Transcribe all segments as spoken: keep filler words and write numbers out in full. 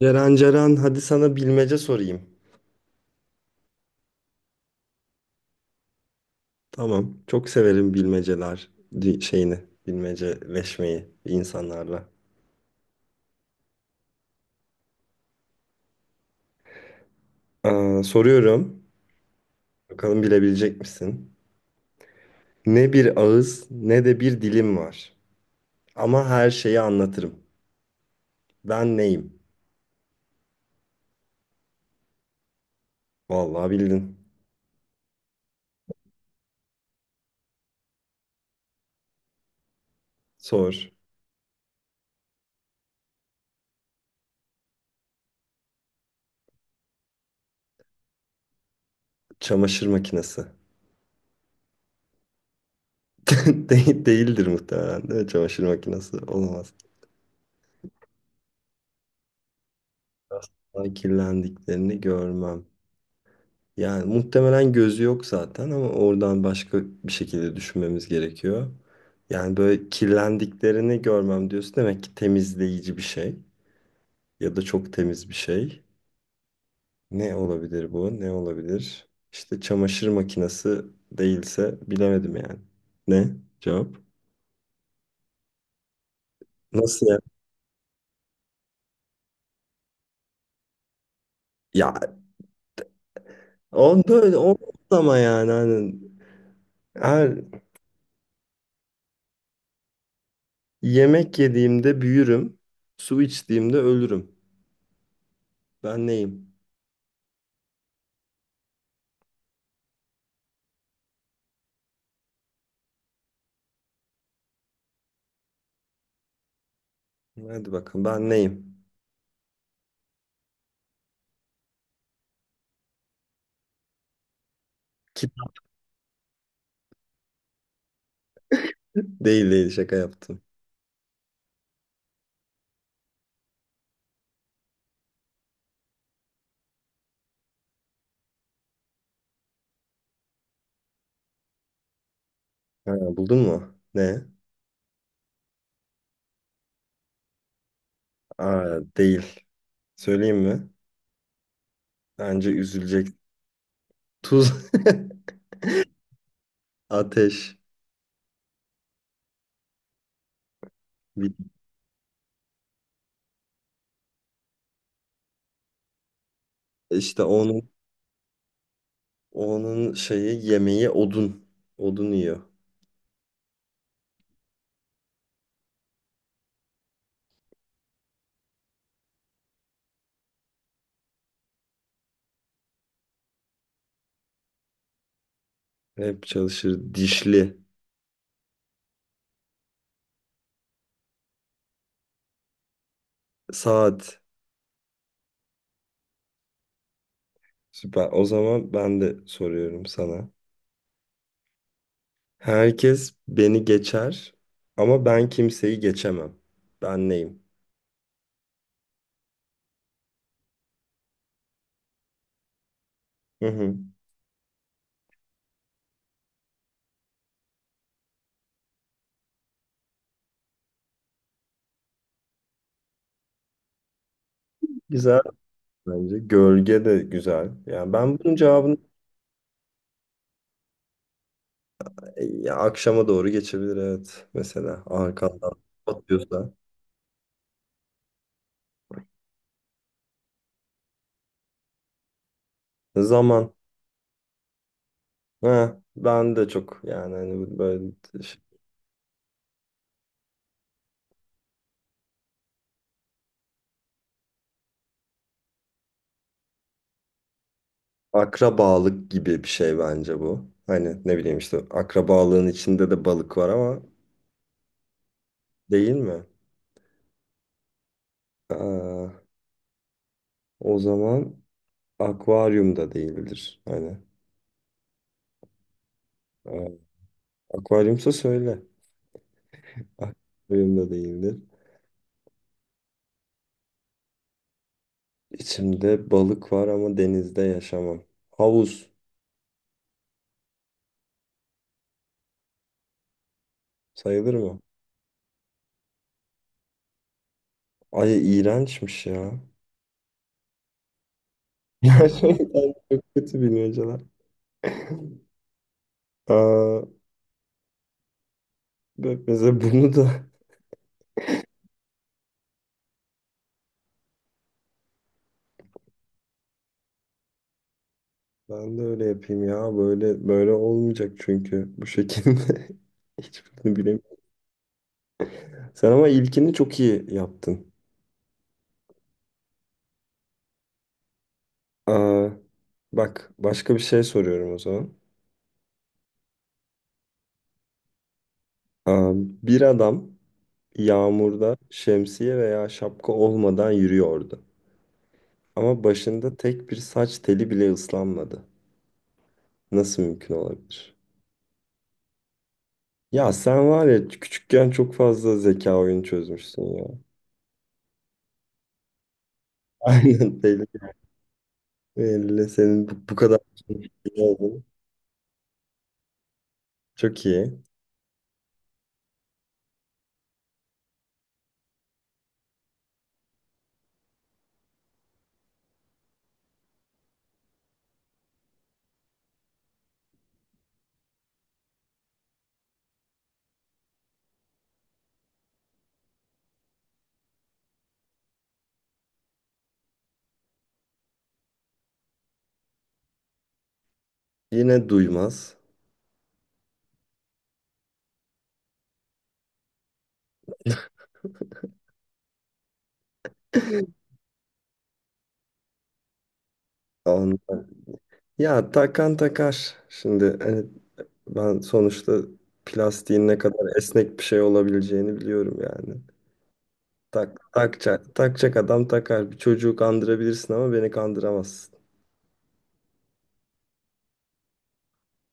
Ceren Ceren hadi sana bilmece sorayım. Tamam. Çok severim bilmeceler di- şeyini. Bilmeceleşmeyi insanlarla. Ee, soruyorum. Bakalım bilebilecek misin? Ne bir ağız ne de bir dilim var. Ama her şeyi anlatırım. Ben neyim? Vallahi bildin. Sor. Çamaşır makinesi. De- değildir muhtemelen, değil mi? Çamaşır makinesi. Olamaz. Asla kirlendiklerini görmem. Yani muhtemelen gözü yok zaten ama oradan başka bir şekilde düşünmemiz gerekiyor. Yani böyle kirlendiklerini görmem diyorsun, demek ki temizleyici bir şey ya da çok temiz bir şey. Ne olabilir bu? Ne olabilir? İşte çamaşır makinesi değilse bilemedim yani. Ne? Cevap? Nasıl ya? Ya on böyle on ama yani hani her yemek yediğimde büyürüm, su içtiğimde ölürüm. Ben neyim? Hadi bakalım ben neyim? Kitap değil değil, şaka yaptım. Ha, buldun mu? Ne? Aa, değil. Söyleyeyim mi? Bence üzülecek. Tuz. Ateş. Bir- İşte onun onun şeyi, yemeği odun. Odun yiyor. Hep çalışır. Dişli. Saat. Süper. O zaman ben de soruyorum sana. Herkes beni geçer ama ben kimseyi geçemem. Ben neyim? Hı hı. Güzel bence. Gölge de güzel. Yani ben bunun cevabını ya akşama doğru geçebilir, evet, mesela arkandan batıyorsa. Zaman. Ha, ben de çok yani hani bu böyle şey- akrabalık gibi bir şey bence bu. Hani ne bileyim işte, akrabalığın içinde de balık var ama, değil mi? Aa, o zaman akvaryum da değildir. Hani aa, akvaryumsa söyle. Akvaryum da değildir. İçimde balık var ama denizde yaşamam. Havuz sayılır mı? Ay, iğrençmiş ya. Gerçekten çok kötü bilmeceler. Aa, be- mesela bunu da ben de öyle yapayım ya. Böyle böyle olmayacak çünkü bu şekilde hiçbirini bilemiyorum. Sen ama ilkini çok iyi yaptın. Aa, bak, başka bir şey soruyorum o zaman. Aa, bir adam yağmurda şemsiye veya şapka olmadan yürüyordu. Ama başında tek bir saç teli bile ıslanmadı. Nasıl mümkün olabilir? Ya sen var ya, küçükken çok fazla zeka oyunu çözmüşsün ya. Aynen, tehlikeli. Belli senin bu, bu kadar iyi olduğunu. Çok iyi. Yine duymaz. Ondan- Ya takan takar. Şimdi hani ben sonuçta plastiğin ne kadar esnek bir şey olabileceğini biliyorum yani. Tak, takacak, takacak adam takar. Bir çocuğu kandırabilirsin ama beni kandıramazsın.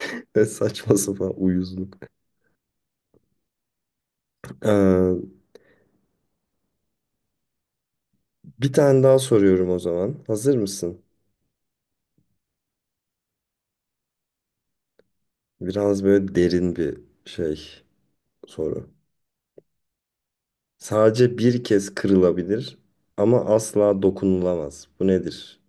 Ne saçma sapan uyuzluk. Ee, Bir tane daha soruyorum o zaman. Hazır mısın? Biraz böyle derin bir şey soru. Sadece bir kez kırılabilir ama asla dokunulamaz. Bu nedir?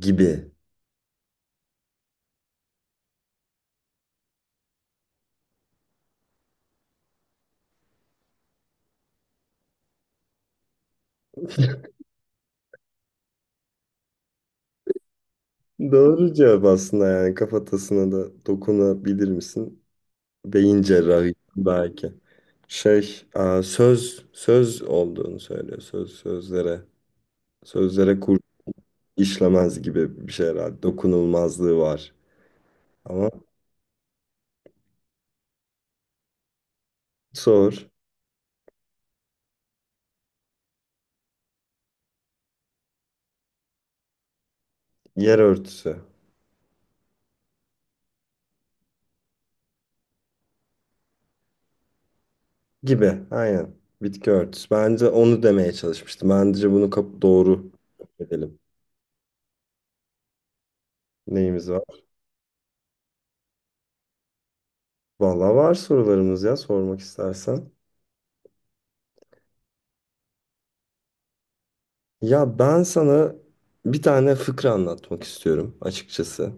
Gibi. Doğru cevap aslında, yani kafatasına da dokunabilir misin? Beyin cerrahı belki. Şey, aa, söz söz olduğunu söylüyor. Söz sözlere sözlere kur işlemez gibi bir şey herhalde. Dokunulmazlığı var. Ama sor. Yer örtüsü gibi. Aynen. Bitki örtüsü. Bence onu demeye çalışmıştım. Bence bunu kap- doğru edelim. Neyimiz var? Vallahi var sorularımız ya, sormak istersen. Ya ben sana bir tane fıkra anlatmak istiyorum açıkçası.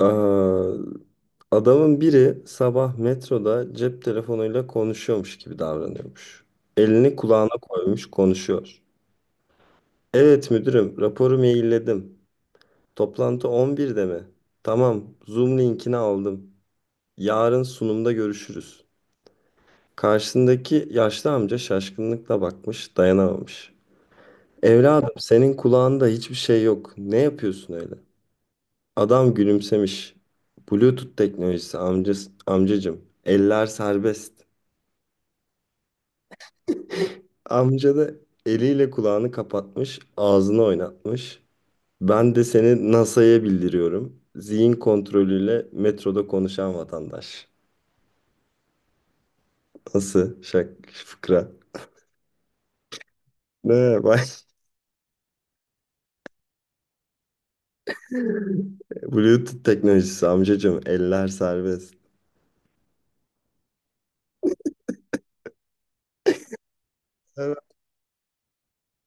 Ee, Adamın biri sabah metroda cep telefonuyla konuşuyormuş gibi davranıyormuş. Elini kulağına koymuş konuşuyor. Evet müdürüm, raporu mailledim. Toplantı on birde mi? Tamam, Zoom linkini aldım. Yarın sunumda görüşürüz. Karşısındaki yaşlı amca şaşkınlıkla bakmış, dayanamamış. Evladım, senin kulağında hiçbir şey yok. Ne yapıyorsun öyle? Adam gülümsemiş. Bluetooth teknolojisi amcası, amcacım. Eller serbest. Amca da eliyle kulağını kapatmış, ağzını oynatmış. Ben de seni N A S A'ya bildiriyorum. Zihin kontrolüyle metroda konuşan vatandaş. Nasıl? Şak, fıkra. Ne bak. Bluetooth teknolojisi amcacım. Eller serbest.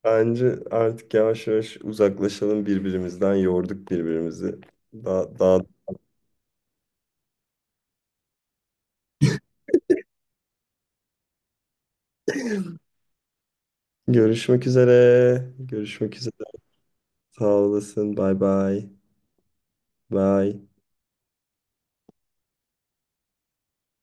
Bence artık yavaş yavaş uzaklaşalım birbirimizden. Yorduk birbirimizi. Daha, daha... Görüşmek üzere. Görüşmek üzere. Sağ olasın. Bay bay. Bay.